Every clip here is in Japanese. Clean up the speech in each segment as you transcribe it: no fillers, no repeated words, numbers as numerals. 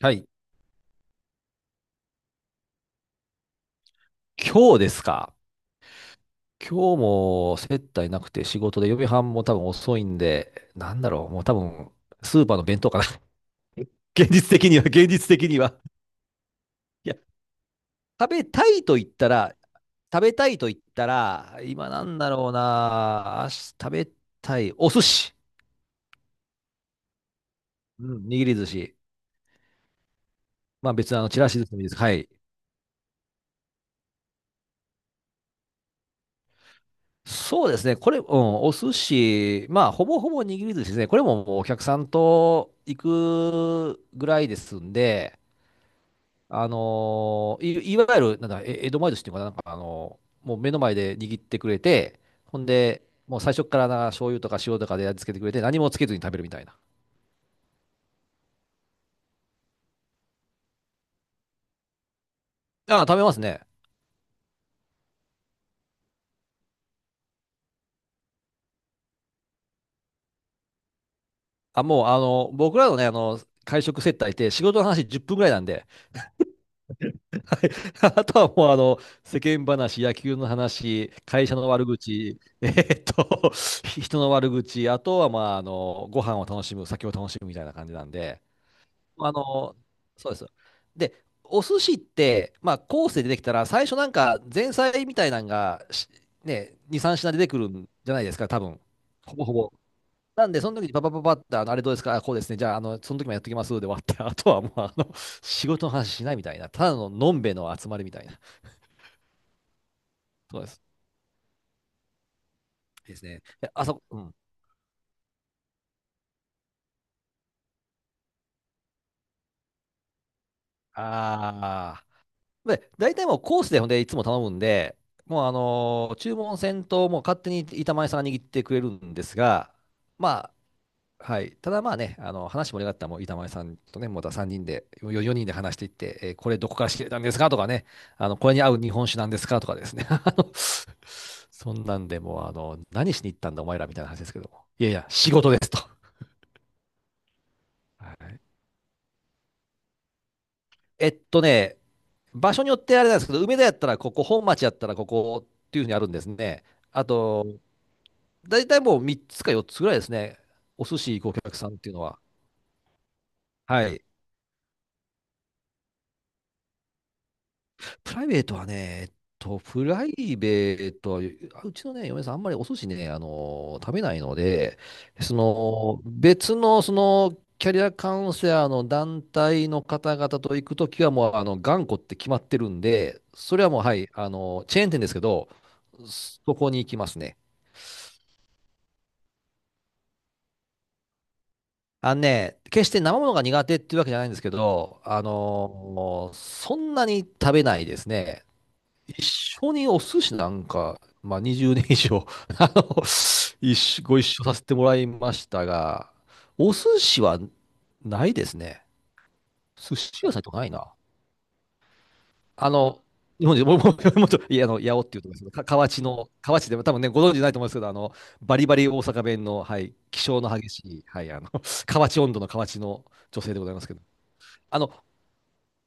はい。今日ですか。今日も接待なくて仕事で予備班も多分遅いんで、もう多分スーパーの弁当かな。現実的には、現実的には。いや、食べたいと言ったら、食べたいと言ったら、今なんだろうな、あし食べたい、お寿司。うん、握り寿司。まあ別にちらし寿司でもいいです。はい。そうですね。これ、うん、お寿司、まあ、ほぼほぼ握り寿司ですね。これももうお客さんと行くぐらいですんで、いわゆる、なんだ、え江戸前寿司っていうのかな、もう目の前で握ってくれて、ほんで、もう最初から醤油とか塩とかで味付けてくれて、何もつけずに食べるみたいな。あ、食べますね。あ、もう、あの、僕らのね、会食接待って仕事の話10分ぐらいなんで、あとはもう、世間話、野球の話、会社の悪口、人の悪口、あとは、ご飯を楽しむ、酒を楽しむみたいな感じなんで、あの、そうです。で、お寿司って、まあ、コースで出てきたら、最初なんか前菜みたいなのが、2、3品出てくるんじゃないですか、多分。ほぼほぼ。なんで、その時にパパパパって、あれどうですか、あこうですね、じゃあ、その時もやってきますで終わって、あとはもう、仕事の話しないみたいな、ただののんべえの集まりみたいな。そうです。ですね。であそこ、うん。ああ。で、大体もうコースでほんでいつも頼むんで、もう注文せんと、もう勝手に板前さんが握ってくれるんですが、まあ、はい。ただまあね、話盛り上がったらもう板前さんとね、また3人で、4人で話していって、えーこれどこから仕入れたんですかとかね、これに合う日本酒なんですかとかですね。そんなんでもう、何しに行ったんだお前らみたいな話ですけども。いやいや、仕事ですと。はい。えっとね、場所によってあれなんですけど、梅田やったらここ、本町やったらここっていうふうにあるんですね。あと、大体もう3つか4つぐらいですね。お寿司行くお客さんっていうのは。はい。プライベートはね、えっと、プライベートは、あうちのね、嫁さん、あんまりお寿司ね、食べないので、その、別の、その、キャリアカウンセラーの団体の方々と行くときは、もう、あの、頑固って決まってるんで、それはもう、はい、チェーン店ですけど、そこに行きますね。あのね、決して生ものが苦手っていうわけじゃないんですけど、そんなに食べないですね。一緒にお寿司なんか、まあ、20年以上 あの一緒ご一緒させてもらいましたが、お寿司はないですね。寿司屋さんとかないな。あの、日本人、もう、もう、もうちょっと、いや、あの、八尾っていうところですけど、河内の、河内でも多分ね、ご存知ないと思いますけど、バリバリ大阪弁の、はい、気性の激しい、はい、河内温度の河内の女性でございますけど、あの、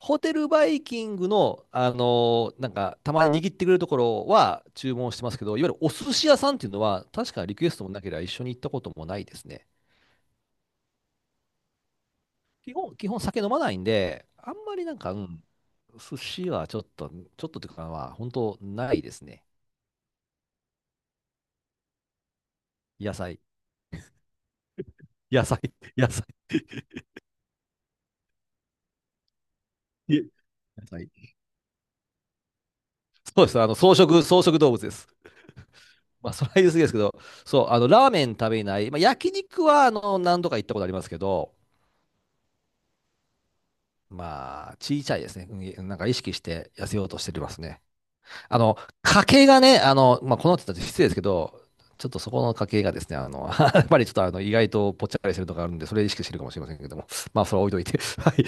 ホテルバイキングの、たまに握ってくれるところは注文してますけど、いわゆるお寿司屋さんっていうのは、確かリクエストもなければ一緒に行ったこともないですね。基本酒飲まないんで、あんまり、寿司はちょっと、ちょっとというか、まあ、本当ないですね。野菜。野菜。野菜。野菜。そうです。草食動物です。まあ、それは言い過ぎですけど、そう、ラーメン食べない。まあ、焼肉は、何度か行ったことありますけど、まあ、小さいですね。うんなんか意識して痩せようとしてますね。あの、家計がね、まあ、このって言ったら失礼ですけど、ちょっとそこの家計がですね、やっぱりちょっと意外とぽっちゃかりしてるとこあるんで、それ意識してるかもしれませんけども。まあ、それは置いといて。はい。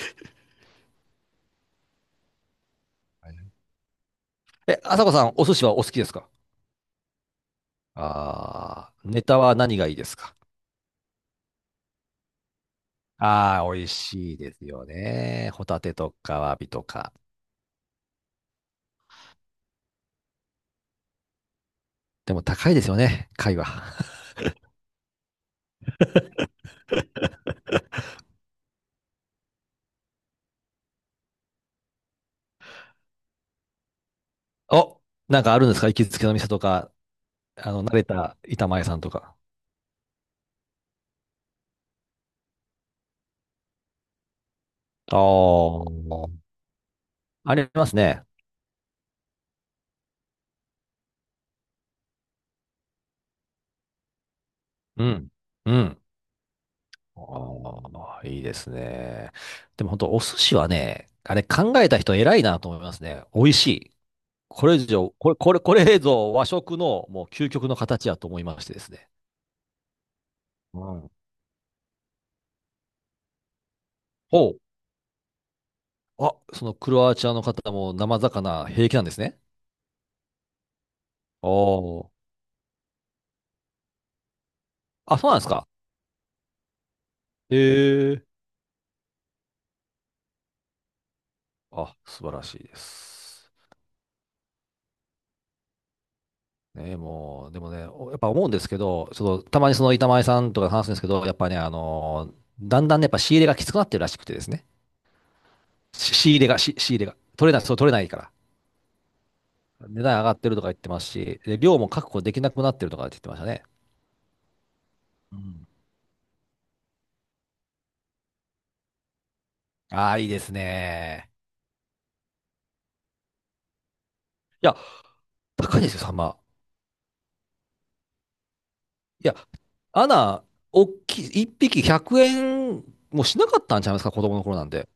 え、あさこさん、お寿司はお好きですか？ああー、ネタは何がいいですか？ああー、美味しいですよね。ホタテとか、アワビとか。でも高いですよね、貝は。お、なんかあるんですか行きつけの店とか、慣れた板前さんとか。ああ、ありますね。うん。うん。ああ、いいですね。でも本当、お寿司はね、あれ考えた人偉いなと思いますね。美味しい。これ以上、これ、これ、これぞ和食のもう究極の形やと思いましてですね。うん。ほう。あ、そのクロアチアの方も生魚平気なんですね。おお。あ、そうなんですか。へえ。あ、素晴らしいです。ね、もう、でもね、やっぱ思うんですけど、その、たまにその板前さんとか話すんですけど、やっぱね、だんだんね、やっぱ仕入れがきつくなってるらしくてですね。仕入れが、仕入れが。取れない、そう、取れないから。値段上がってるとか言ってますし、で、量も確保できなくなってるとかって言ってましたね。うん。ああ、いいですね。いや、高いですよ、サンマ。いや、アナ、おっきい、一匹100円もしなかったんちゃいますか、子供の頃なんで。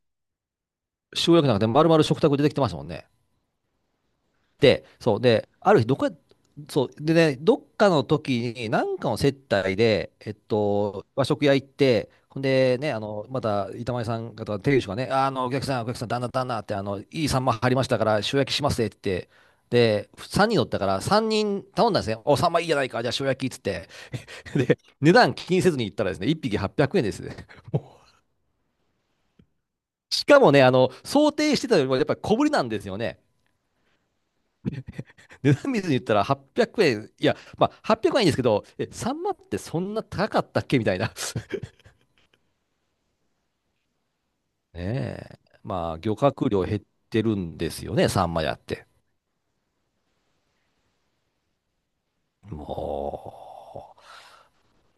塩焼きなんかで丸々食卓で出てきてましたもんね。で、そう、で、ある日、どっか、そう、でね、どっかの時に、なんかの接待で、和食屋行って、ほんでね、あの、また、板前さん方、店主がね、お客さん、旦那、旦那って、いいサンマ入りましたから、塩焼きしますねって、で、3人乗ったから、3人頼んだんですね。お、サンマいいじゃないか、じゃあ塩焼きっつって。で、値段気にせずに行ったらですね、1匹800円ですね。もうしかもね、想定してたよりも、やっぱり小ぶりなんですよね。値段見ずに言ったら800円、いや、まあ、800円はいいんですけど、え、サンマってそんな高かったっけみたいな。ねえ。まあ、漁獲量減ってるんですよね、サンマやって。も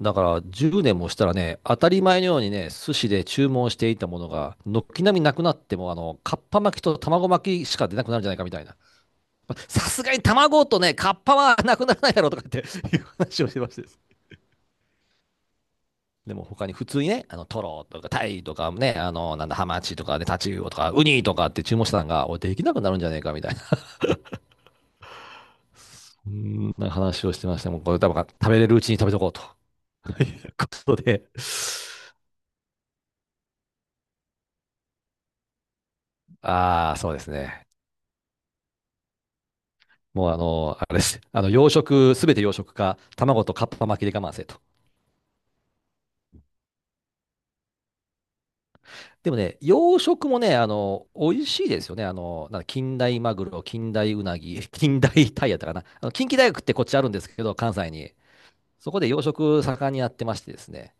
う、だから10年もしたらね、当たり前のようにね、寿司で注文していたものが、軒並みなくなっても、かっぱ巻きと卵巻きしか出なくなるんじゃないかみたいな。まあさすがに卵とね、かっぱはなくならないだろうとかっていう話をしてまして。でも他に普通にね、トロとかタイとかね、あの、なんだ、ハマチとかねタチウオとか、ウニとかって注文してたのが、おい、できなくなるんじゃねえかみたいな、うーなんか話をしてまして、もうこれ多分食べれるうちに食べとこうと いうことで、ああ、そうですね。もうあれです。養殖、すべて養殖か、卵とカッパ巻きで我慢せと。でもね、養殖もね、美味しいですよね。あの、なんだ近代マグロ、近代ウナギ、近代タイやったかな。あの近畿大学ってこっちあるんですけど、関西に。そこで養殖盛んにやってましてですね、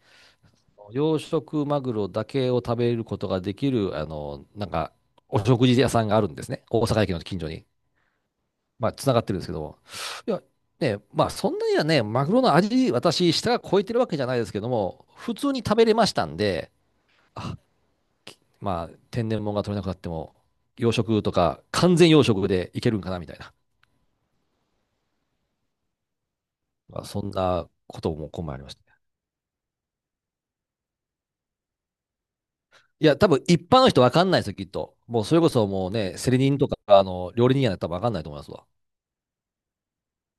養殖マグロだけを食べることができる、お食事屋さんがあるんですね。大阪駅の近所に。まあ、つながってるんですけども。いや、ね、まあ、そんなにはね、マグロの味、私、舌が超えてるわけじゃないですけども、普通に食べれましたんで、あ、まあ、天然物が取れなくなっても、養殖とか、完全養殖でいけるんかな、みたいな。まあ、そんなことも今回ありました。いや、多分一般の人わかんないですよ、きっと。もうそれこそもうね、セリ人とか、料理人やったら多分わかんないと思いますわ。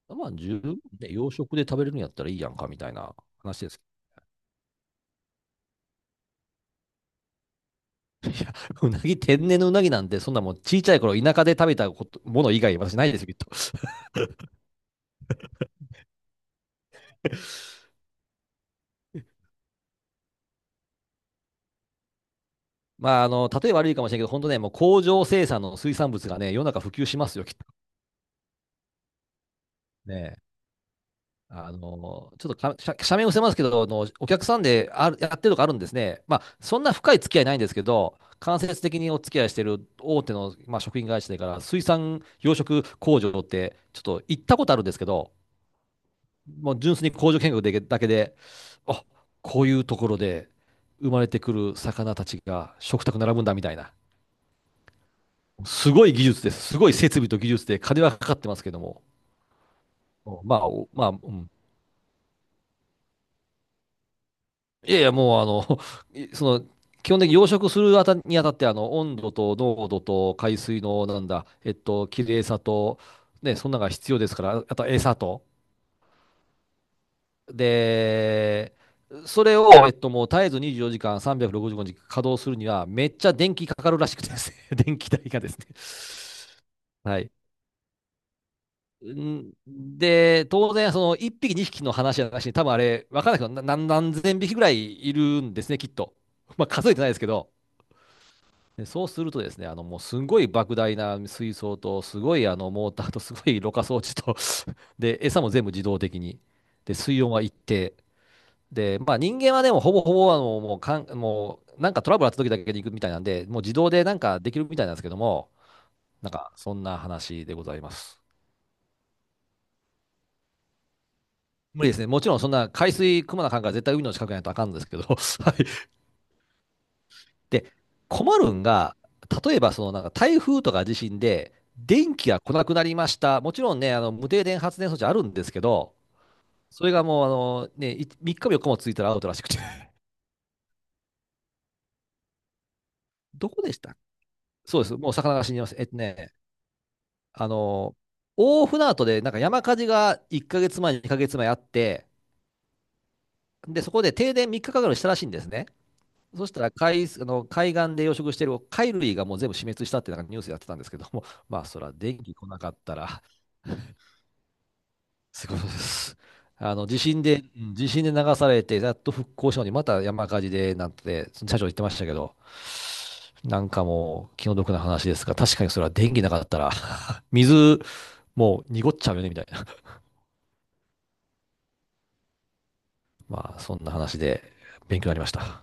まあ、十分ね、洋食で食べれるんやったらいいやんか、みたいな話ですけど。うなぎ、天然のうなぎなんて、そんなもう小さい頃、田舎で食べたこともの以外、私ないですよ、きっと。まあ、例え悪いかもしれないけど、本当ね、もう工場生産の水産物がね、世の中普及しますよ、きっと。ねあの、ちょっとか、社名を伏せますけど、お客さんである、やってるとかあるんですね。まあ、そんな深い付き合いないんですけど、間接的にお付き合いしてる大手の、まあ、食品会社だから、水産養殖工場って、ちょっと行ったことあるんですけど、もう純粋に工場見学でだけで、あ、こういうところで生まれてくる魚たちが食卓並ぶんだみたいな。すごい技術です。すごい設備と技術で金はかかってますけども。まあ、おまあ、うんいやいや、もういその、基本的に養殖するあたにあたって、温度と濃度と海水の、なんだ、えっと、綺麗さと、ね、そんなのが必要ですから、あと餌と。で、それを、もう絶えず24時間365日稼働するには、めっちゃ電気かかるらしくてですね、電気代がですね。はい。んで、当然、その1匹、2匹の話じゃなしに、多分あれ、わからないけど、何千匹ぐらいいるんですね、きっと。まあ、数えてないですけど。で、そうするとですね、もうすんごい莫大な水槽と、すごいあのモーターと、すごいろ過装置と で、餌も全部自動的に。で、水温は一定。で、まあ人間はでもほぼほぼもうなんかトラブルあった時だけに行くみたいなんで、もう自動でなんかできるみたいなんですけども、なんかそんな話でございます。無理ですね。もちろんそんな海水、くまなかんから絶対海の近くにないとあかんんですけど、はい。で、困るんが、例えばそのなんか台風とか地震で電気が来なくなりました。もちろんね、あの無停電発電装置あるんですけど、それがもうあの、ね、3日も4日もついたらアウトらしくて。どこでしたそうです。もう魚が死にます。あの、大船渡でなんか山火事が1ヶ月前、2ヶ月前あって、で、そこで停電3日かるしたらしいんですね。そしたら海、あの海岸で養殖してる貝類がもう全部死滅したってなんかニュースやってたんですけども、まあそら電気来なかったらすごいことです。地震で流されて、やっと復興したのに、また山火事で、なんて、社長言ってましたけど、なんかもう、気の毒な話ですが、確かにそれは電気なかったら 水、もう濁っちゃうよね、みたいな。まあ、そんな話で、勉強になりました。